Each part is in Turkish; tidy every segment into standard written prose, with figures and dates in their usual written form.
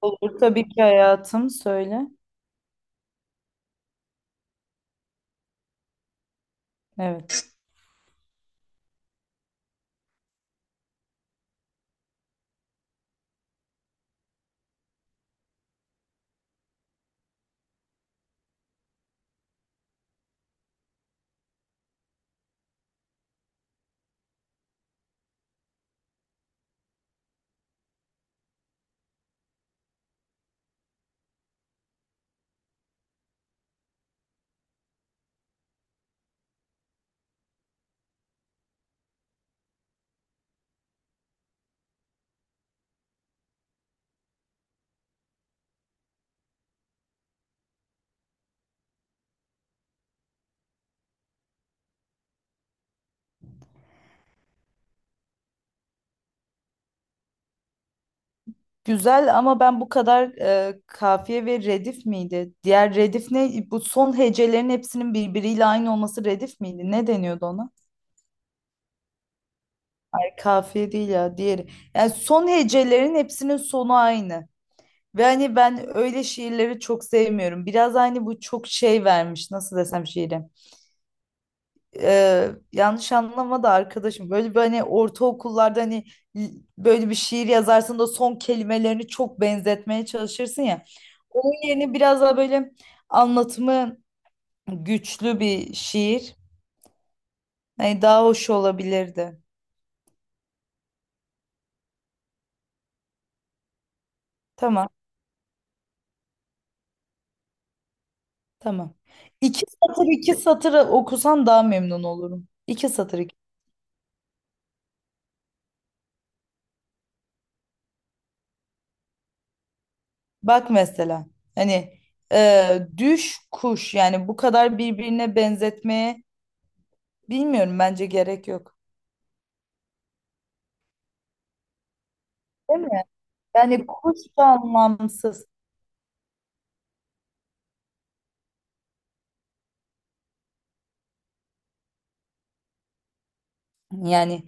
Olur tabii ki hayatım söyle. Evet. Güzel ama ben bu kadar kafiye ve redif miydi? Diğer redif ne? Bu son hecelerin hepsinin birbiriyle aynı olması redif miydi? Ne deniyordu ona? Hayır, kafiye değil ya diğeri. Yani son hecelerin hepsinin sonu aynı. Ve hani ben öyle şiirleri çok sevmiyorum. Biraz hani bu çok şey vermiş nasıl desem şiire. Yanlış anlama da arkadaşım böyle bir hani ortaokullarda hani l- böyle bir şiir yazarsın da son kelimelerini çok benzetmeye çalışırsın ya. Onun yerine biraz daha böyle anlatımı güçlü bir şiir. Hani daha hoş olabilirdi. Tamam, tamam. İki satır iki satır okusan daha memnun olurum. İki satır iki. Bak mesela hani düş kuş, yani bu kadar birbirine benzetmeye bilmiyorum bence gerek yok. Değil mi? Yani kuş da anlamsız. Yani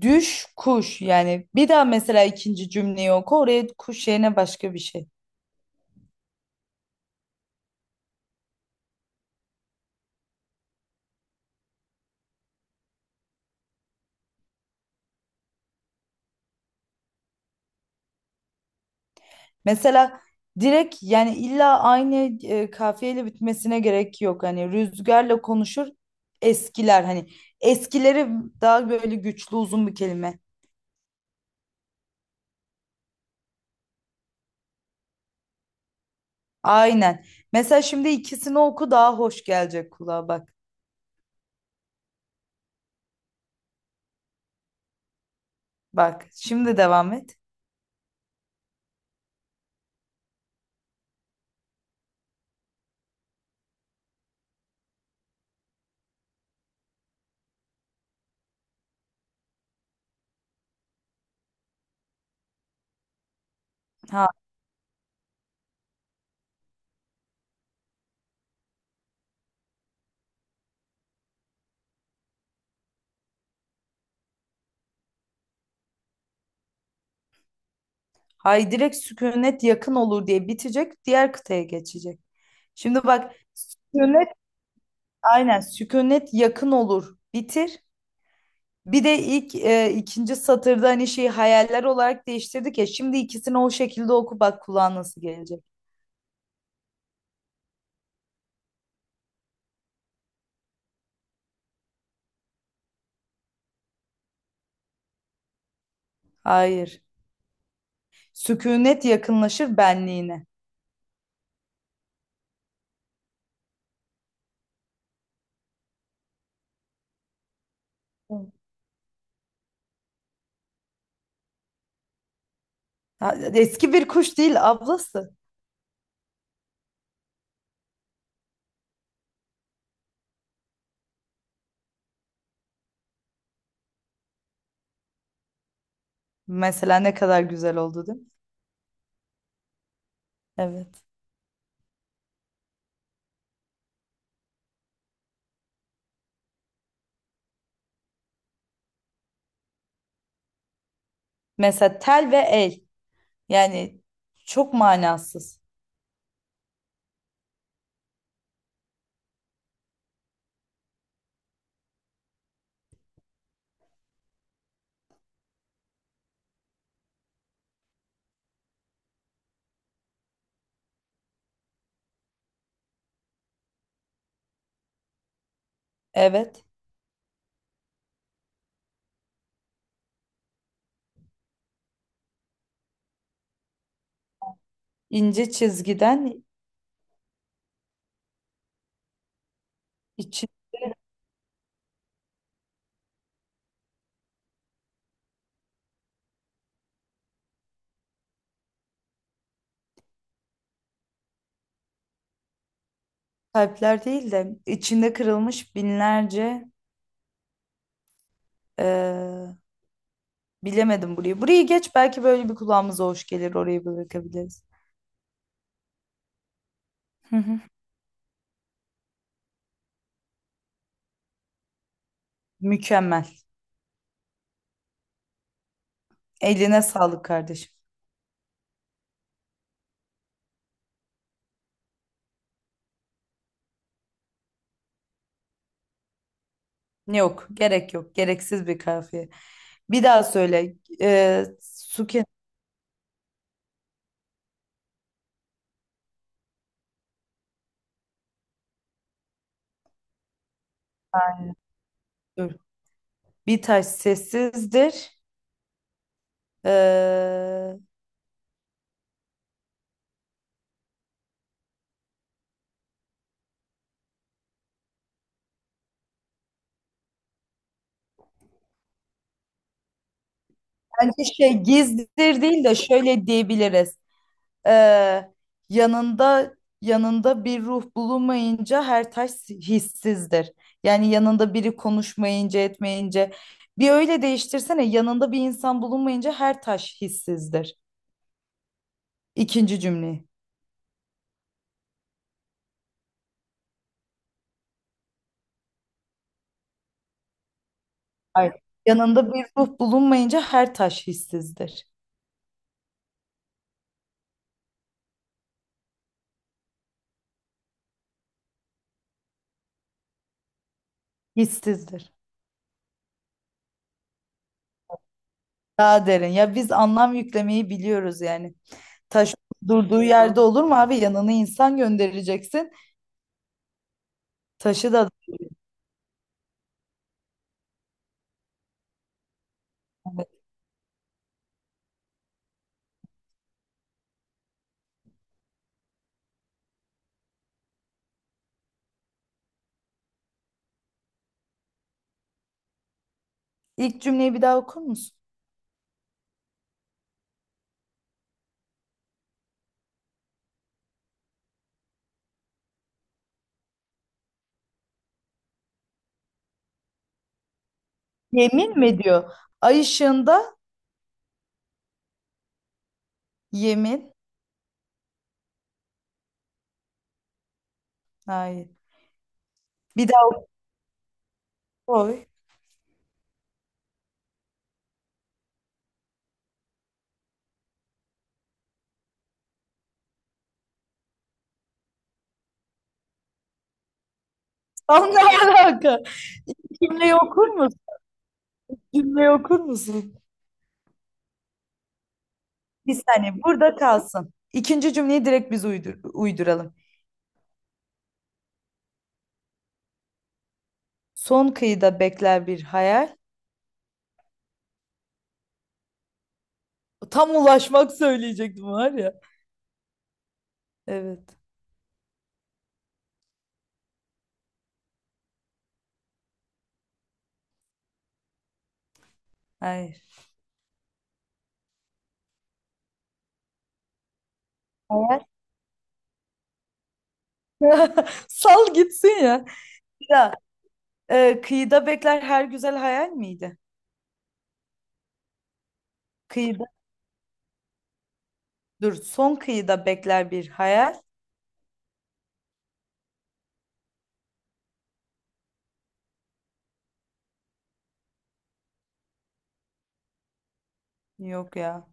düş kuş, yani bir daha mesela ikinci cümleyi oku, oraya kuş yerine başka bir şey. Mesela direkt yani illa aynı kafiyeyle bitmesine gerek yok. Hani rüzgarla konuşur eskiler, hani eskileri, daha böyle güçlü uzun bir kelime. Aynen. Mesela şimdi ikisini oku, daha hoş gelecek kulağa, bak. Bak şimdi devam et. Ha, hay direkt sükunet yakın olur diye bitecek, diğer kıtaya geçecek. Şimdi bak sükunet, aynen sükunet yakın olur, bitir. Bir de ilk ikinci satırda hani şeyi hayaller olarak değiştirdik ya. Şimdi ikisini o şekilde oku, bak kulağa nasıl gelecek. Hayır. Sükunet yakınlaşır benliğine. Hı. Ha, eski bir kuş değil ablası. Mesela ne kadar güzel oldu, değil mi? Evet. Mesela tel ve el. Yani çok manasız. Evet. İnce çizgiden içi kalpler değil de içinde kırılmış binlerce eee, bilemedim burayı. Burayı geç, belki böyle bir kulağımıza hoş gelir, orayı bırakabiliriz. Hı hı. Mükemmel. Eline sağlık kardeşim. Yok, gerek yok. Gereksiz bir kafiye. Bir daha söyle. Su kenarı. Bir taş sessizdir. Eee Bence şey gizlidir değil de şöyle diyebiliriz. Ee, Yanında yanında bir ruh bulunmayınca her taş hissizdir. Yani yanında biri konuşmayınca etmeyince bir öyle değiştirsene, yanında bir insan bulunmayınca her taş hissizdir. İkinci cümleyi. Hayır. Yanında bir ruh bulunmayınca her taş hissizdir. Hissizdir. Daha derin. Ya biz anlam yüklemeyi biliyoruz yani. Taş durduğu yerde olur mu abi? Yanına insan göndereceksin. Taşı da ilk cümleyi bir daha okur musun? Yemin mi diyor? Ay ışığında yemin. Hayır. Bir daha oy. Tam ne alaka? İlk cümleyi okur musun? Cümleyi okur musun? Bir saniye burada kalsın. İkinci cümleyi direkt biz uydur uyduralım. Son kıyıda bekler bir hayal. Tam ulaşmak söyleyecektim var ya. Evet. Hayır. Hayal. Sal gitsin ya. Ya daha. Kıyıda bekler her güzel hayal miydi? Kıyı, dur, son kıyıda bekler bir hayal. Yok ya.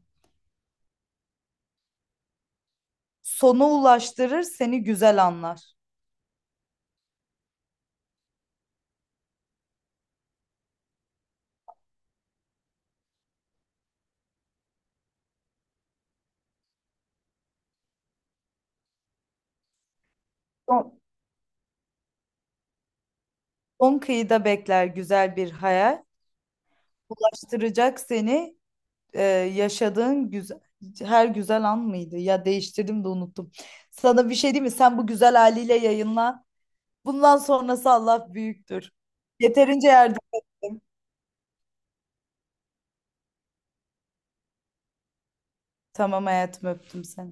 Sona ulaştırır seni güzel anlar. Son, son kıyıda bekler güzel bir hayal. Ulaştıracak seni e, yaşadığın güzel, her güzel an mıydı? Ya değiştirdim de unuttum. Sana bir şey diyeyim mi? Sen bu güzel haliyle yayınla. Bundan sonrası Allah büyüktür. Yeterince yardım ettim. Tamam hayatım, öptüm seni.